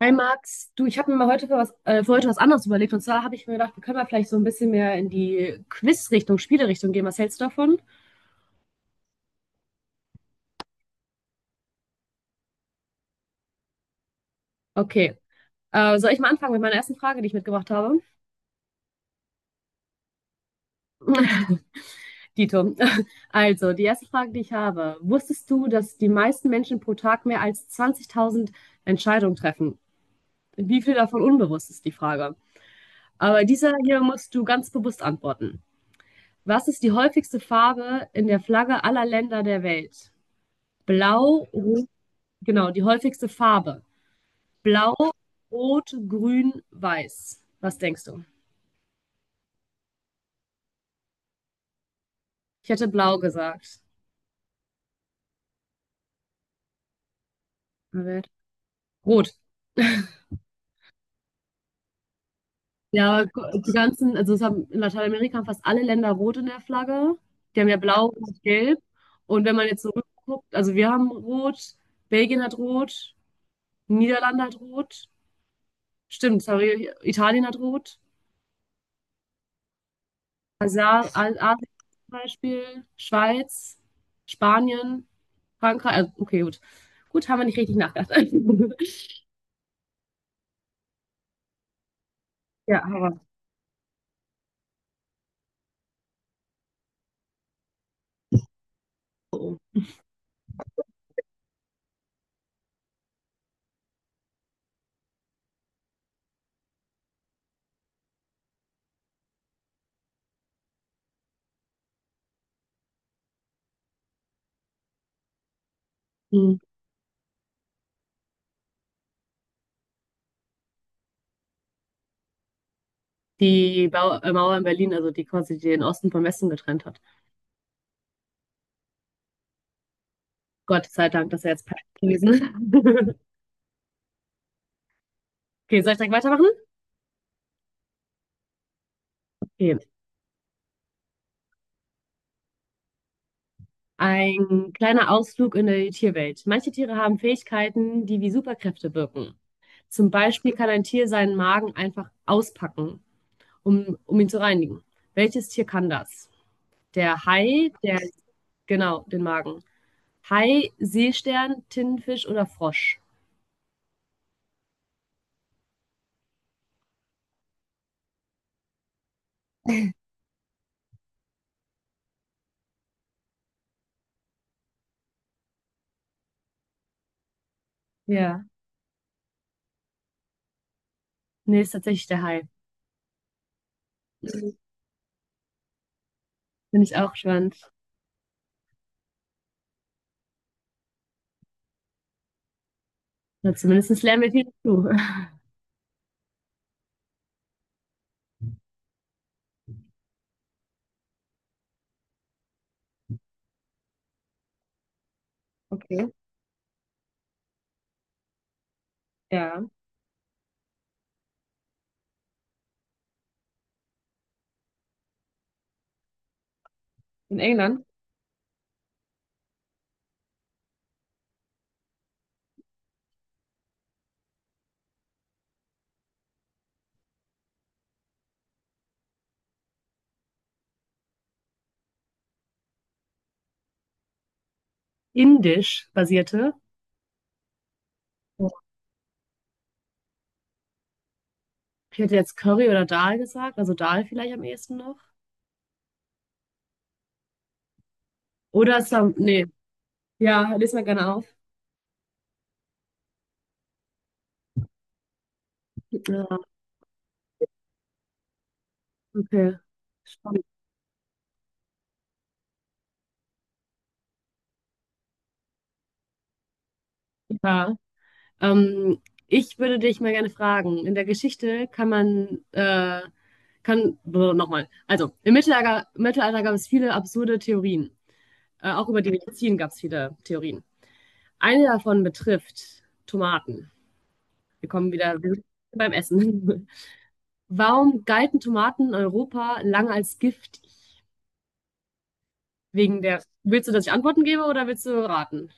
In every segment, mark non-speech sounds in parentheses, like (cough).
Hi Max, du, ich habe mir mal heute für was, für heute was anderes überlegt. Und zwar habe ich mir gedacht, wir können mal vielleicht so ein bisschen mehr in die Quiz-Richtung, Spiele-Richtung gehen. Was hältst du davon? Okay. Soll ich mal anfangen mit meiner ersten Frage, die ich mitgebracht habe? (laughs) Dito. Also, die erste Frage, die ich habe. Wusstest du, dass die meisten Menschen pro Tag mehr als 20.000 Entscheidungen treffen? Wie viel davon unbewusst ist die Frage? Aber dieser hier musst du ganz bewusst antworten. Was ist die häufigste Farbe in der Flagge aller Länder der Welt? Blau. Genau, die häufigste Farbe. Blau, Rot, Grün, Weiß. Was denkst du? Ich hätte blau gesagt. Rot. Ja, aber die ganzen, also es haben, in Lateinamerika haben fast alle Länder rot in der Flagge. Die haben ja blau und gelb. Und wenn man jetzt zurückguckt, also wir haben rot, Belgien hat rot, Niederlande hat rot. Stimmt, sorry, Italien hat rot. Asien zum Beispiel, Schweiz, Spanien, Frankreich. Also, okay, gut. Gut, haben wir nicht richtig nachgedacht. (laughs) Ja, Harvard. Mhm. Die Bau Mauer in Berlin, also die quasi den Osten vom Westen getrennt hat. Gott sei Dank, das ist ja jetzt perfekt gewesen. (laughs) Okay, soll ich direkt weitermachen? Okay. Ein kleiner Ausflug in die Tierwelt. Manche Tiere haben Fähigkeiten, die wie Superkräfte wirken. Zum Beispiel kann ein Tier seinen Magen einfach auspacken, um ihn zu reinigen. Welches Tier kann das? Der genau, den Magen. Hai, Seestern, Tintenfisch oder Frosch? Ja. Nee, ist tatsächlich der Hai. Finde ich auch spannend. Na, zumindest lernen wir viel dazu. Okay. Ja. In England? Indisch basierte. Ich hätte jetzt Curry oder Dal gesagt, also Dal vielleicht am ehesten noch. Oder Sam, nee, ja, lese mal gerne auf. Ja, okay. Spannend. Ja. Ähm, ich würde dich mal gerne fragen, in der Geschichte kann man, also im Mittelalter gab es viele absurde Theorien. Auch über die Medizin gab es viele Theorien. Eine davon betrifft Tomaten. Wir kommen wieder beim Essen. (laughs) Warum galten Tomaten in Europa lange als giftig? Wegen der. Willst du, dass ich Antworten gebe oder willst du raten?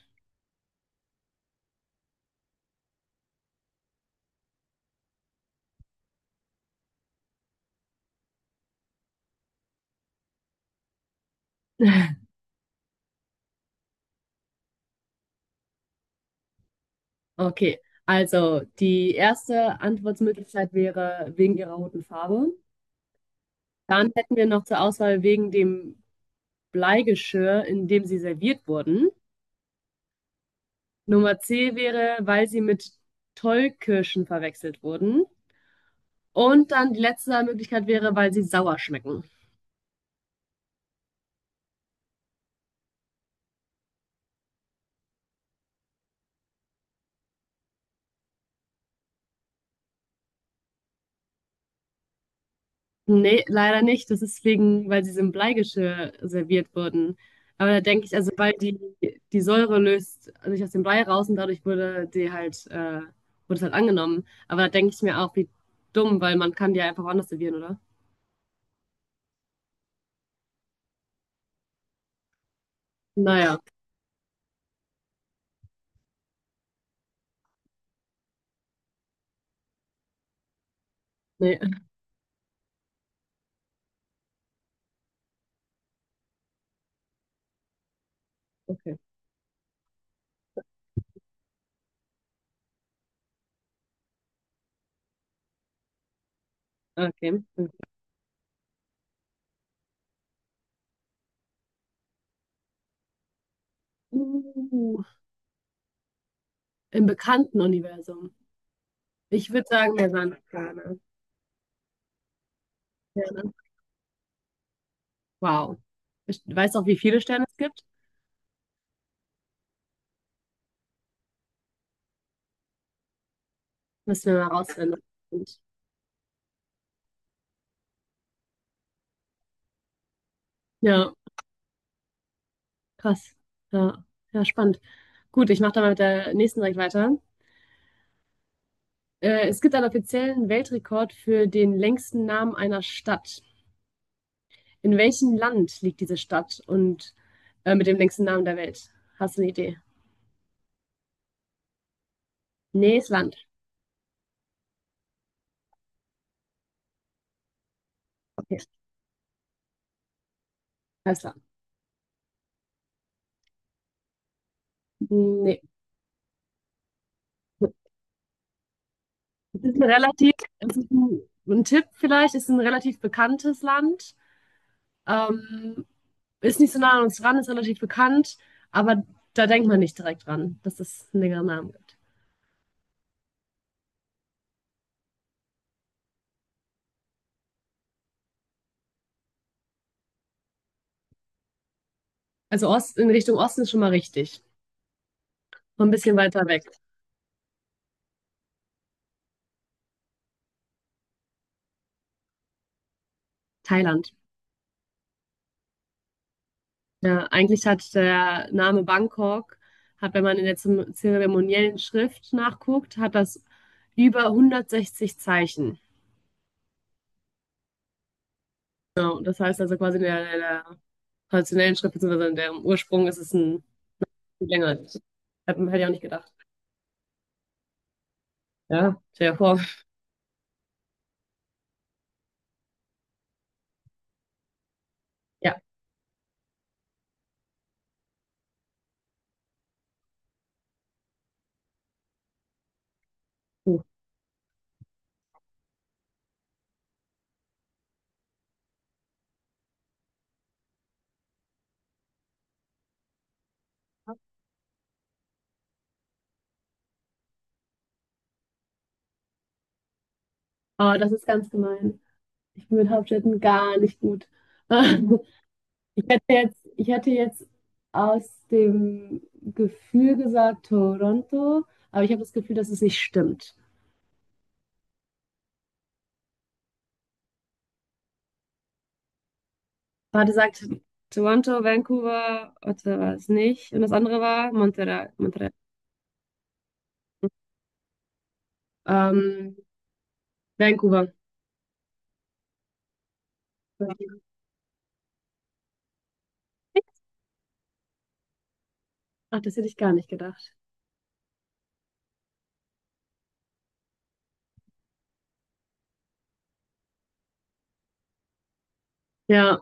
Okay, also die erste Antwortmöglichkeit wäre wegen ihrer roten Farbe. Dann hätten wir noch zur Auswahl wegen dem Bleigeschirr, in dem sie serviert wurden. Nummer C wäre, weil sie mit Tollkirschen verwechselt wurden. Und dann die letzte Möglichkeit wäre, weil sie sauer schmecken. Nee, leider nicht. Das ist wegen, weil sie so im Bleigeschirr serviert wurden. Aber da denke ich, also weil die, die Säure löst sich aus dem Blei raus und dadurch wurde die wurde es halt angenommen. Aber da denke ich mir auch, wie dumm, weil man kann die ja einfach woanders servieren, oder? Naja, nee, okay. Okay. Uh, im bekannten Universum. Ich würde sagen, der Sandsterne. Sterne. Wow. Ich weiß auch, wie viele Sterne es gibt. Müssen wir mal rausfinden. Ja, krass. Ja, ja, spannend. Gut, ich mache dann mal mit der nächsten direkt weiter. Es gibt einen offiziellen Weltrekord für den längsten Namen einer Stadt. In welchem Land liegt diese Stadt und mit dem längsten Namen der Welt? Hast du eine Idee? Nee, ist Land. Okay, alles klar. Nee. Es ist ein relativ, es ist ein Tipp vielleicht, es ist ein relativ bekanntes Land. Ähm, ist nicht so nah an uns dran, ist relativ bekannt, aber da denkt man nicht direkt dran, dass es einen längeren Namen gibt. Also Ost, in Richtung Osten ist schon mal richtig. So ein bisschen weiter weg. Thailand. Ja, eigentlich hat der Name Bangkok, hat, wenn man in der zeremoniellen Schrift nachguckt, hat das über 160 Zeichen. Genau, das heißt also quasi in der traditionellen Schrift, beziehungsweise in deren Ursprung ist es ein viel länger. Hätte ich auch nicht gedacht. Ja, stell dir vor. Ja, puh. Aber das ist ganz gemein. Ich bin mit Hauptstädten gar nicht gut. (laughs) Ich hätte jetzt aus dem Gefühl gesagt Toronto, aber ich habe das Gefühl, dass es nicht stimmt. Warte, sagt Toronto, Vancouver, Ottawa ist nicht. Und das andere war Montreal. Ähm, Vancouver. Ach, das hätte ich gar nicht gedacht. Ja,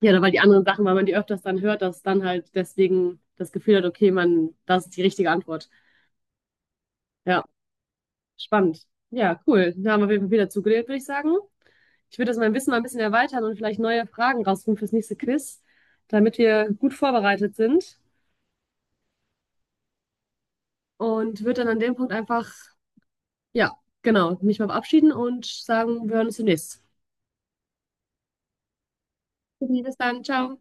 ja, da- weil die anderen Sachen, weil man die öfters dann hört, dass dann halt deswegen das Gefühl hat, okay, man, das ist die richtige Antwort. Ja, spannend. Ja, cool. Da haben wir auf jeden Fall viel dazugelernt, würde ich sagen. Ich würde das mein Wissen mal ein bisschen erweitern und vielleicht neue Fragen rausfinden fürs nächste Quiz, damit wir gut vorbereitet sind. Und würde dann an dem Punkt einfach, ja, genau, mich mal verabschieden und sagen, wir hören uns demnächst. Bis dann, ciao.